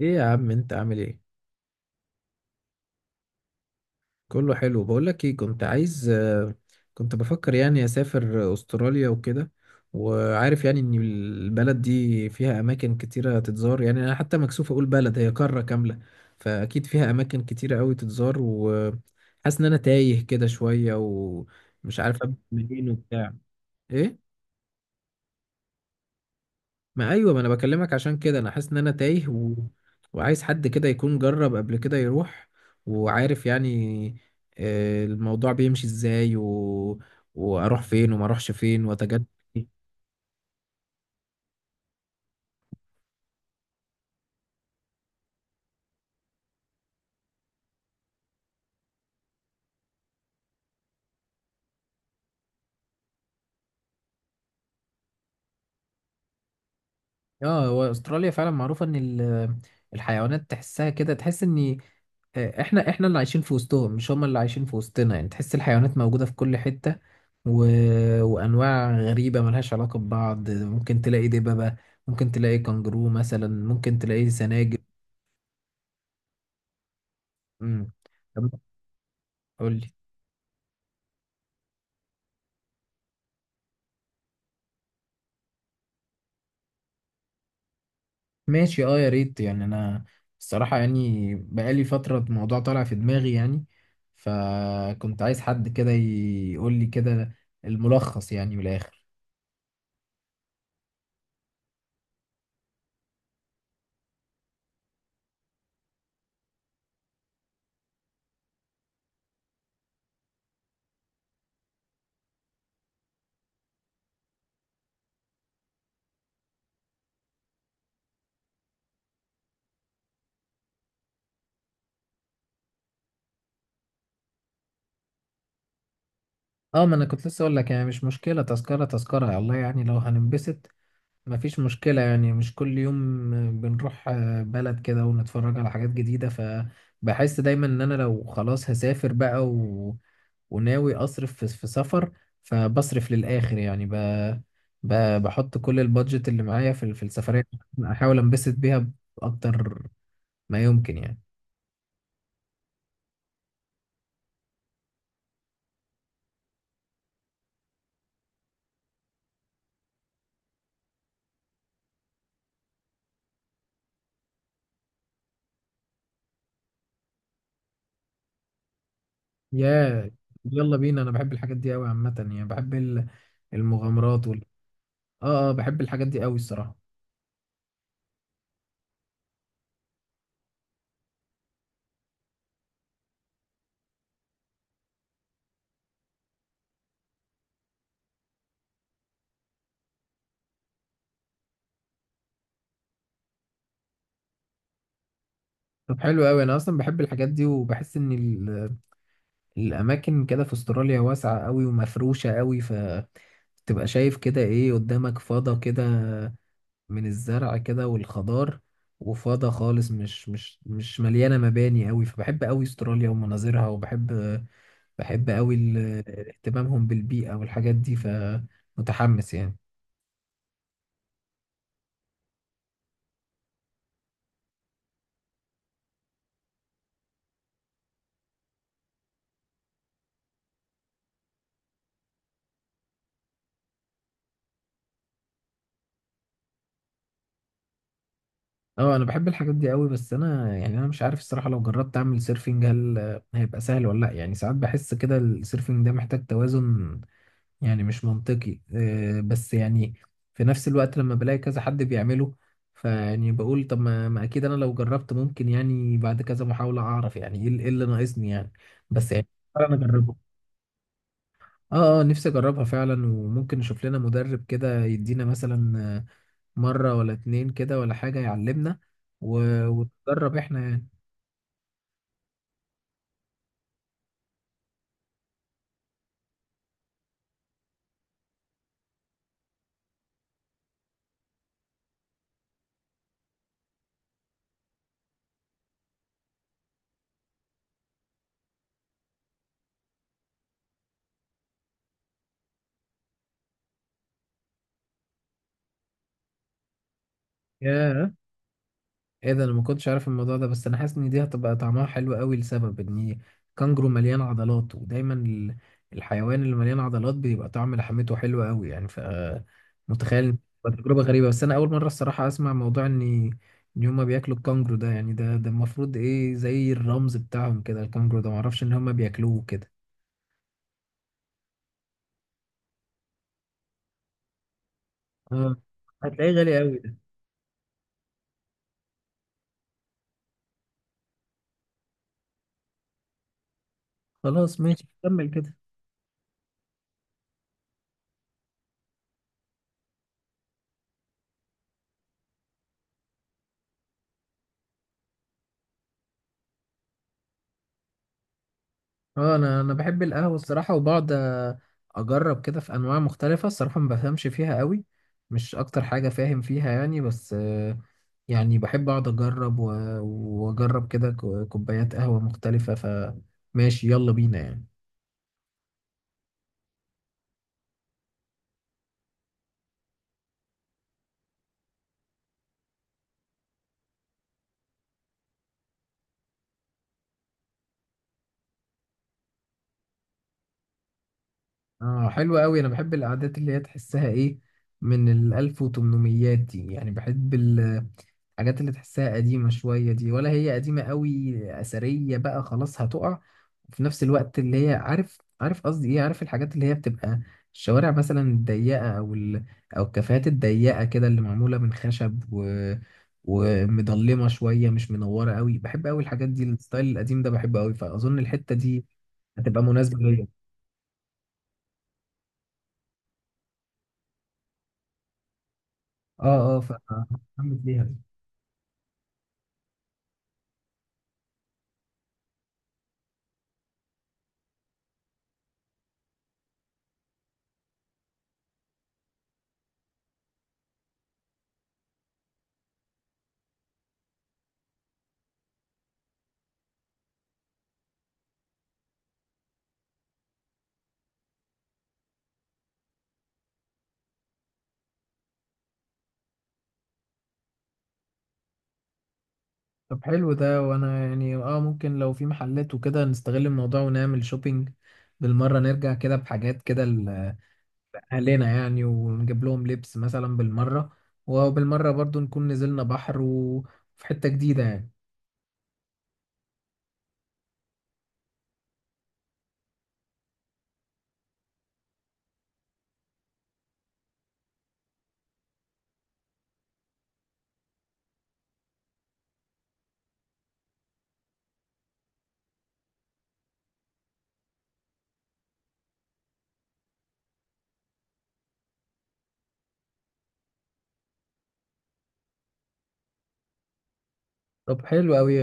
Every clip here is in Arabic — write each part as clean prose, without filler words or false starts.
ايه يا عم، انت عامل ايه؟ كله حلو. بقولك ايه، كنت عايز كنت بفكر يعني اسافر استراليا وكده. وعارف يعني ان البلد دي فيها اماكن كتيرة تتزار، يعني انا حتى مكسوف اقول بلد، هي قارة كاملة. فاكيد فيها اماكن كتيرة قوي تتزار، وحاسس ان انا تايه كده شوية ومش عارف ابدا منين وبتاع ايه. ما ايوه، ما انا بكلمك عشان كده، انا حاسس ان انا تايه وعايز حد كده يكون جرب قبل كده يروح وعارف يعني الموضوع بيمشي ازاي، واروح فين وما اروحش فين واتجنب. اه، هو استراليا فعلا معروفة ان الحيوانات تحسها كده، تحس ان احنا اللي عايشين في وسطهم، مش هم اللي عايشين في وسطنا. يعني تحس الحيوانات موجودة في كل حتة، و... وانواع غريبة ملهاش علاقة ببعض. ممكن تلاقي دببة، ممكن تلاقي كنجرو مثلا، ممكن تلاقي سناجب. امم طب قول لي. ماشي، اه يا ريت يعني. انا الصراحة يعني بقالي فترة الموضوع طالع في دماغي يعني، فكنت عايز حد كده يقول لي كده الملخص يعني من الاخر. اه، ما انا كنت لسه اقول لك يعني مش مشكلة تذكرة، تذكرة الله يعني لو هننبسط مفيش مشكلة. يعني مش كل يوم بنروح بلد كده ونتفرج على حاجات جديدة. فبحس دايما ان انا لو خلاص هسافر بقى وناوي اصرف في سفر، فبصرف للآخر يعني ب... بحط كل البادجت اللي معايا في السفرية، احاول انبسط بيها بأكتر ما يمكن يعني. يا يلا بينا، انا بحب الحاجات دي قوي عامة. يعني بحب المغامرات اه اه، بحب الحاجات دي قوي الصراحة. طب حلو قوي، انا اصلا بحب الحاجات دي، وبحس ان الاماكن كده في استراليا واسعه قوي ومفروشه قوي، فتبقى شايف كده ايه قدامك فضا كده، من الزرع كده والخضار، وفضا خالص مش مليانه مباني قوي. فبحب قوي استراليا ومناظرها، وبحب، بحب قوي اهتمامهم بالبيئه والحاجات دي، فمتحمس يعني. اه، انا بحب الحاجات دي قوي، بس انا يعني انا مش عارف الصراحه لو جربت اعمل سيرفنج هل هيبقى سهل ولا لا. يعني ساعات بحس كده السيرفنج ده محتاج توازن يعني، مش منطقي، بس يعني في نفس الوقت لما بلاقي كذا حد بيعمله فيعني بقول طب ما اكيد انا لو جربت ممكن يعني بعد كذا محاولة اعرف يعني ايه اللي، إيه اللي ناقصني يعني. بس يعني انا اجربه. اه اه، نفسي اجربها فعلا، وممكن نشوف لنا مدرب كده يدينا مثلا مرة ولا اتنين كده ولا حاجة يعلمنا ونجرب احنا يعني. ياه، ايه ده! انا ما كنتش عارف الموضوع ده، بس انا حاسس ان دي هتبقى طعمها حلو قوي لسبب ان كانجرو مليان عضلات، ودايما الحيوان اللي مليان عضلات بيبقى طعم لحمته حلو قوي يعني. ف متخيل إن تبقى تجربة غريبة، بس انا اول مرة الصراحة اسمع موضوع ان ان هما بياكلوا الكانجرو ده. يعني ده المفروض ايه زي الرمز بتاعهم كده، الكانجرو ده، معرفش ان هما بياكلوه كده. اه، هتلاقيه غالي قوي ده. خلاص ماشي، كمل كده. اه، انا بحب القهوه الصراحه، وبقعد اجرب كده في انواع مختلفه. الصراحه ما بفهمش فيها قوي، مش اكتر حاجه فاهم فيها يعني، بس يعني بحب اقعد اجرب واجرب كده كوبايات قهوه مختلفه. فماشي، يلا بينا يعني. اه حلو قوي، انا بحب القعدات اللي هي تحسها ايه، من ال 1800 دي يعني. بحب الحاجات اللي تحسها قديمة شوية دي، ولا هي قديمة قوي أثرية بقى، خلاص هتقع. وفي نفس الوقت اللي هي، عارف، عارف قصدي إيه، عارف الحاجات اللي هي بتبقى الشوارع مثلا الضيقة، أو أو الكافيهات الضيقة كده اللي معمولة من خشب ومضلمة شوية، مش منورة قوي. بحب قوي الحاجات دي، الستايل القديم ده بحبه قوي، فأظن الحتة دي هتبقى مناسبة ليا. اه اه، هعمل فيها. طب حلو ده، وانا يعني اه ممكن لو في محلات وكده نستغل الموضوع ونعمل شوبينج بالمرة، نرجع كده بحاجات كده لأهلنا يعني، ونجيب لهم لبس مثلا بالمرة، وبالمرة برضو نكون نزلنا بحر، وفي حتة جديدة يعني. طب حلو قوي.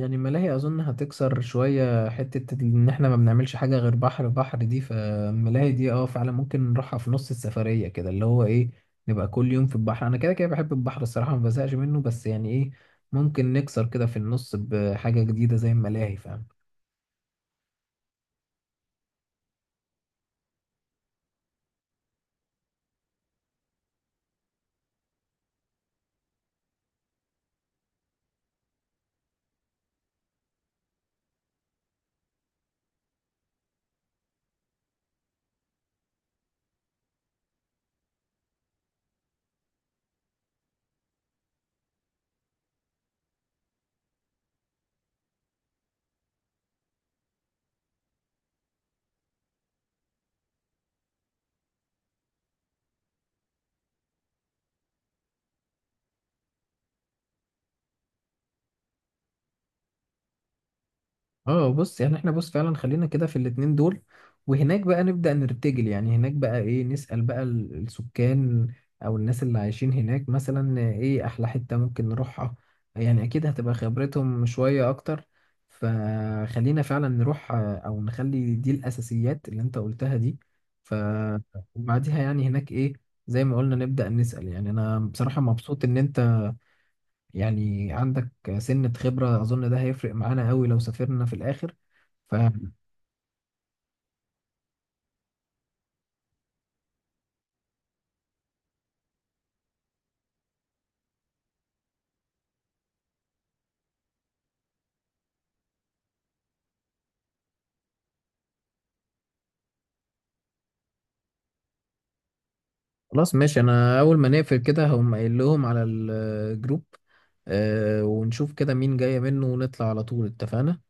يعني ملاهي اظن هتكسر شويه حته ان احنا ما بنعملش حاجه غير بحر بحر دي. فالملاهي دي اه فعلا ممكن نروحها في نص السفريه كده، اللي هو ايه، نبقى كل يوم في البحر. انا كده كده بحب البحر الصراحه، ما بزهقش منه، بس يعني ايه، ممكن نكسر كده في النص بحاجه جديده زي الملاهي، فاهم. اه بص، يعني احنا بص فعلا خلينا كده في الاتنين دول، وهناك بقى نبدأ نرتجل. يعني هناك بقى ايه، نسأل بقى السكان او الناس اللي عايشين هناك مثلا ايه احلى حتة ممكن نروحها، يعني اكيد هتبقى خبرتهم شوية اكتر. فخلينا فعلا نروح او نخلي دي الاساسيات اللي انت قلتها دي. ف وبعديها يعني هناك ايه، زي ما قلنا نبدأ نسأل. يعني انا بصراحة مبسوط ان انت يعني عندك سنة خبرة، أظن ده هيفرق معانا قوي لو سافرنا في الآخر. فخلاص ماشي. أنا أول ما نقفل كده هقوم قايل لهم على الجروب، ونشوف كده مين جاية منه ونطلع على طول. اتفقنا.